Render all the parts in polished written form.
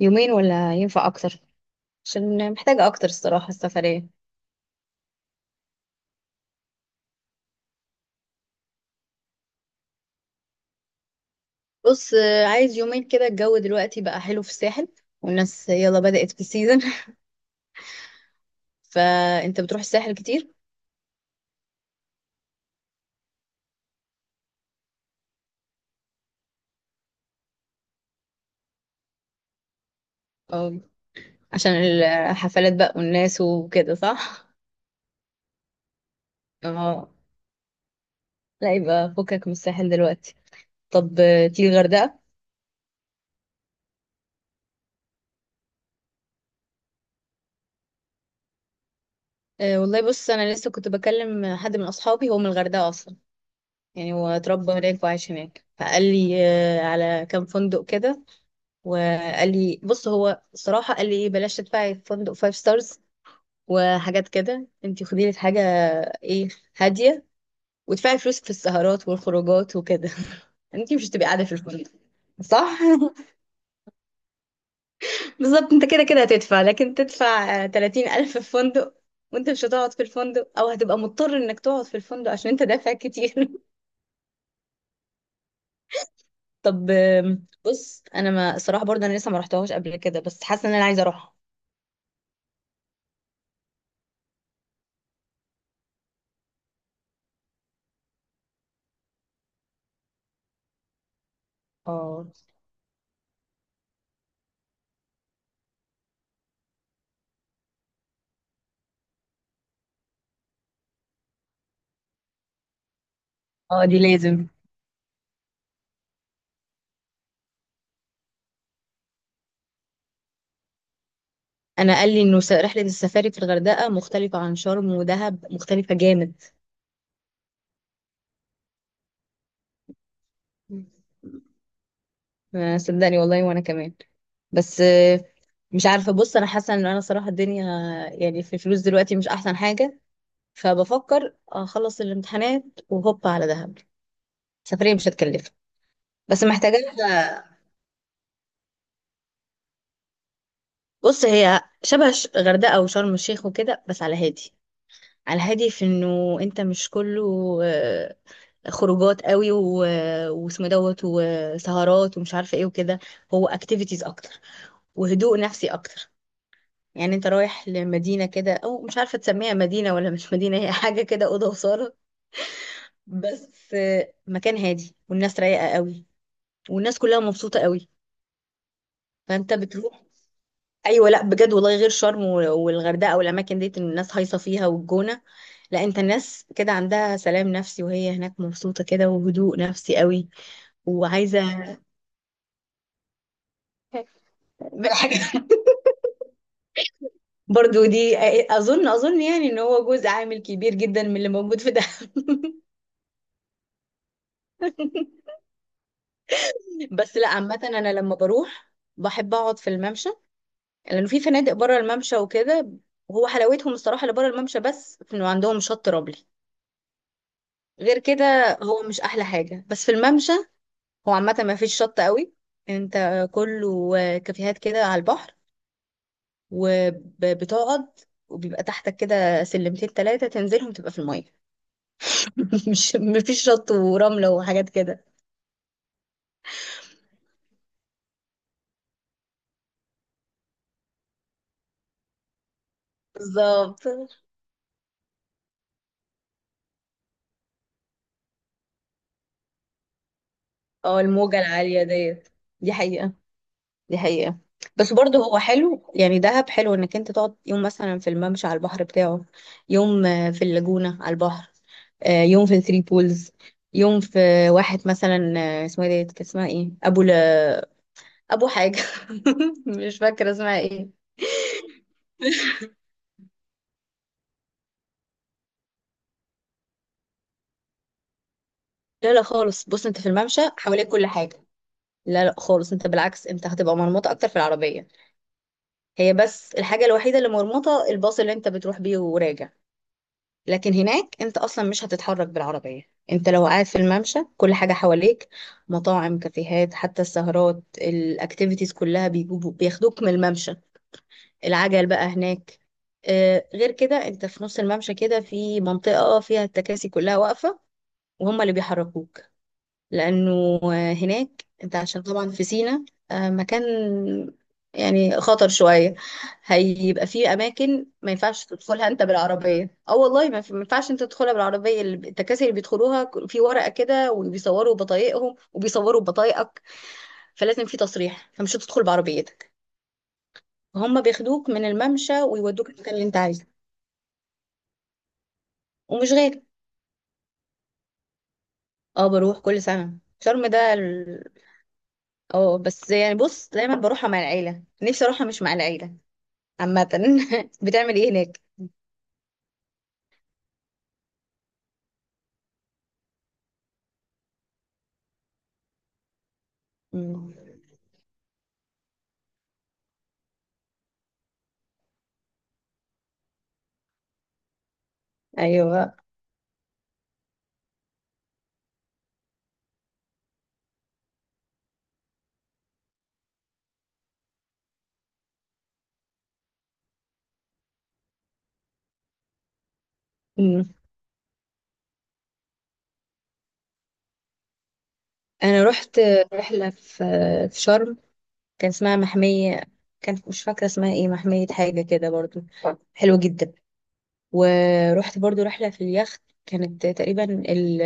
يومين، ولا ينفع اكتر؟ عشان محتاجة اكتر الصراحة السفرية. بص، عايز يومين كده. الجو دلوقتي بقى حلو في الساحل والناس يلا بدأت في السيزون. فانت بتروح الساحل كتير؟ اه. عشان الحفلات بقى والناس وكده، صح. اه. لا، يبقى فكك من الساحل دلوقتي. طب تيجي الغردقة. والله بص انا لسه كنت بكلم حد من اصحابي، هو من الغردقة اصلا. يعني هو اتربى هناك وعايش هناك، فقال لي على كام فندق كده. وقال لي بص، هو الصراحه قال لي بلاش تدفعي في فندق فايف ستارز وحاجات كده. انت خدي لك حاجه ايه هاديه وادفعي فلوسك في السهرات والخروجات وكده. انت مش هتبقي قاعده في الفندق. صح. بالظبط، انت كده كده هتدفع. لكن تدفع 30,000 في فندق وانت مش هتقعد في الفندق، او هتبقى مضطر انك تقعد في الفندق عشان انت دافع كتير. طب بص، انا ما الصراحه برضه انا لسه ما رحتهاش قبل كده، بس حاسه ان انا عايزه اروحها. اه. اه، دي لازم. انا قال لي انه رحله السفاري في الغردقه مختلفه عن شرم ودهب، مختلفه جامد. صدقني والله وانا كمان. بس مش عارفه. بص انا حاسه ان انا صراحه الدنيا يعني في الفلوس دلوقتي مش احسن حاجه، فبفكر اخلص الامتحانات وهوب على دهب. سفريه مش هتكلف. بس محتاجه بص، هي شبه غردقه وشرم الشيخ وكده، بس على هادي في انه انت مش كله آه، خروجات قوي واسمه دوت وسهرات ومش عارفه ايه وكده. هو اكتيفيتيز اكتر وهدوء نفسي اكتر. يعني انت رايح لمدينه كده، او مش عارفه تسميها مدينه ولا مش مدينه، هي حاجه كده، اوضه وصاله. بس مكان هادي والناس رايقه قوي والناس كلها مبسوطه قوي. فانت بتروح. ايوه، لا بجد والله، غير شرم والغردقه والاماكن ديت إن الناس هايصه فيها والجونه. لا، انت الناس كده عندها سلام نفسي، وهي هناك مبسوطه كده وهدوء نفسي قوي. وعايزه. بالحاجه برضو دي. اظن يعني ان هو جزء عامل كبير جدا من اللي موجود في دهب. بس لا، عامه انا لما بروح بحب اقعد في الممشى، لانه في فنادق بره الممشى وكده. هو حلاوتهم الصراحه اللي بره الممشى بس في انه عندهم شط رملي. غير كده هو مش احلى حاجه بس في الممشى. هو عامه ما فيش شط قوي. انت كله كافيهات كده على البحر، وبتقعد وبيبقى تحتك كده سلمتين تلاتة تنزلهم تبقى في المية. مش مفيش شط ورملة وحاجات كده. بالظبط. اه، الموجة العالية ديت، دي حقيقة. دي حقيقة. بس برضه هو حلو. يعني دهب حلو انك انت تقعد يوم مثلا في الممشى على البحر بتاعه، يوم في اللاجونة على البحر، يوم في الثري بولز، يوم في واحد مثلا اسمها ايه ديت، كان اسمها ايه ابو حاجة. مش فاكرة اسمها ايه. لا لا خالص، بص انت في الممشى حواليك كل حاجة. لا لا خالص، انت بالعكس انت هتبقى مرمطة اكتر في العربية. هي بس الحاجة الوحيدة اللي مرمطة الباص اللي انت بتروح بيه وراجع. لكن هناك انت اصلا مش هتتحرك بالعربية. انت لو قاعد في الممشى كل حاجة حواليك: مطاعم، كافيهات، حتى السهرات، الاكتيفيتيز كلها بيجوا بياخدوك من الممشى. العجل بقى هناك. غير كده انت في نص الممشى كده في منطقة فيها التكاسي كلها واقفة، وهم اللي بيحركوك. لأنه هناك أنت عشان طبعا في سينا مكان يعني خطر شوية. هيبقى فيه أماكن ما ينفعش تدخلها أنت بالعربية. أه والله ما ينفعش أنت تدخلها بالعربية. التكاسي اللي بيدخلوها في ورقة كده وبيصوروا بطايقهم وبيصوروا بطايقك، فلازم في تصريح. فمش هتدخل بعربيتك. فهم بياخدوك من الممشى ويودوك المكان اللي أنت عايزه. ومش غالي. أه بروح كل سنة شرم ده اه بس يعني بص، دايما بروحها مع العيلة، نفسي اروحها مش مع العيلة. عامة. بتعمل ايه هناك؟ مم. ايوه. مم. انا رحت رحلة في شرم، كان اسمها محمية. كانت مش فاكرة اسمها ايه، محمية حاجة كده برضو. حلوة جدا. ورحت برضو رحلة في اليخت كانت تقريبا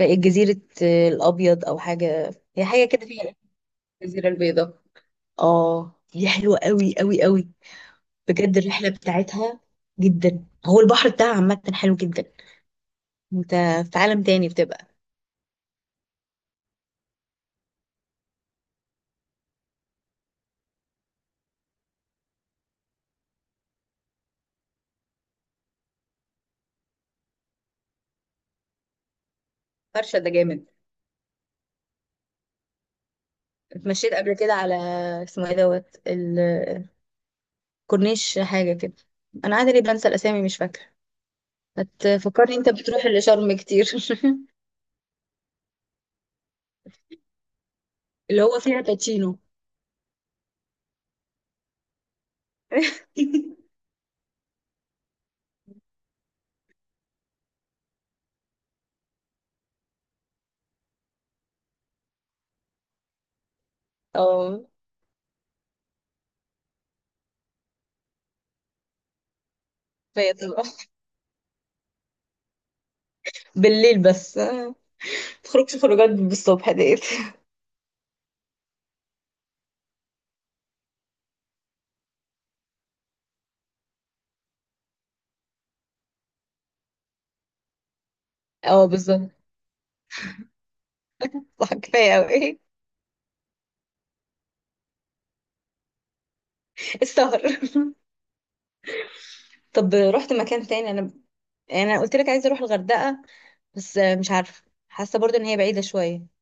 جزيرة الأبيض أو حاجة. هي حاجة كده فيها الجزيرة البيضاء. اه دي حلوة قوي قوي قوي. بجد الرحلة بتاعتها جدا. هو البحر بتاعها عامة حلو جدا. انت في عالم تاني بتبقى. فرشة ده جامد. اتمشيت قبل كده على اسمه ايه دوت الكورنيش، حاجة كده. انا عادي ليه بنسى الاسامي، مش فاكرة. هتفكرني انت بتروح اللي شرم كتير. اللي هو فيها باتشينو. اه. فيا طبعا بالليل، بس ما تخرجش خروجات بالصبح ديت. اه بالظبط، صح، كفاية اوي. السهر. طب رحت مكان تاني انا، يعني انا قلت لك عايزة اروح الغردقة بس مش عارفة. حاسة برضو ان هي بعيدة شوية.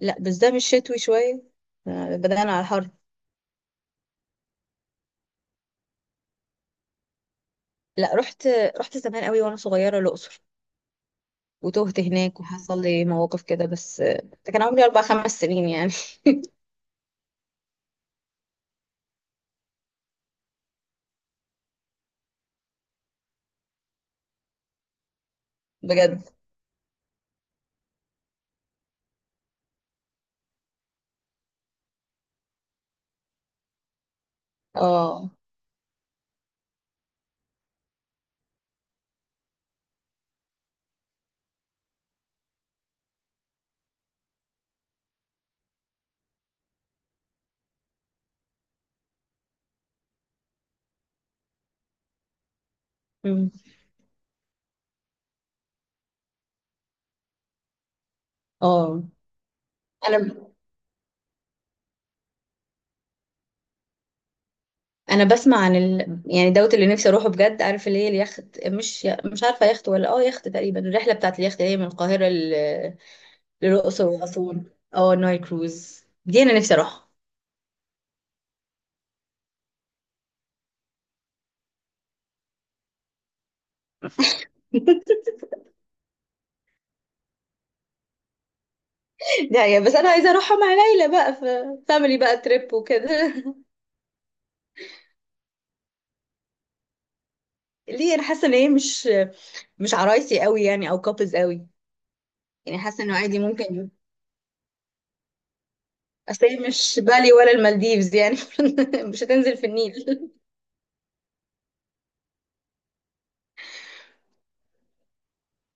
لا، بس ده مش شتوي شوية؟ بدأنا على الحر. لا رحت زمان قوي وانا صغيرة الأقصر، وتوهت هناك وحصل لي مواقف كده. بس ده كان عمري 4-5 سنين يعني. بجد. اه. أمم. اه انا انا بسمع عن يعني دوت اللي نفسي اروحه بجد. عارف اللي هي اليخت مش عارفه يخت ولا يخت تقريبا. الرحله بتاعت اليخت اللي هي من القاهره للاقصر واسوان. اه النايل كروز دي انا نفسي اروحها. لا يا، بس انا عايزه اروحها مع ليلى بقى، فاميلي بقى تريب وكده. ليه؟ انا حاسه ان هي مش عرايسي قوي يعني، او كابلز قوي. يعني حاسه انه عادي ممكن. اصل هي مش بالي ولا المالديفز يعني. مش هتنزل في النيل.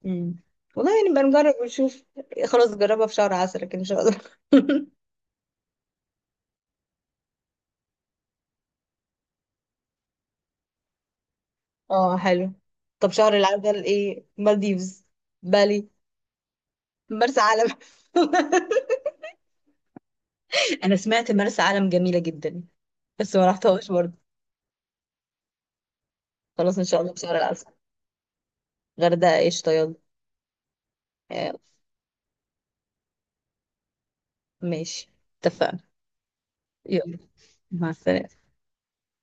مم. والله يعني بنجرب ونشوف. خلاص جربها في شهر عسل، لكن مش هقدر. اه حلو. طب شهر العسل ايه؟ مالديفز؟ بالي؟ مرسى علم؟ انا سمعت مرسى علم جميله جدا بس ما رحتهاش برضه. خلاص ان شاء الله في شهر العسل. غردقه ايش طيب. آه، ماشي. اتفقنا. يلا، مع السلامه.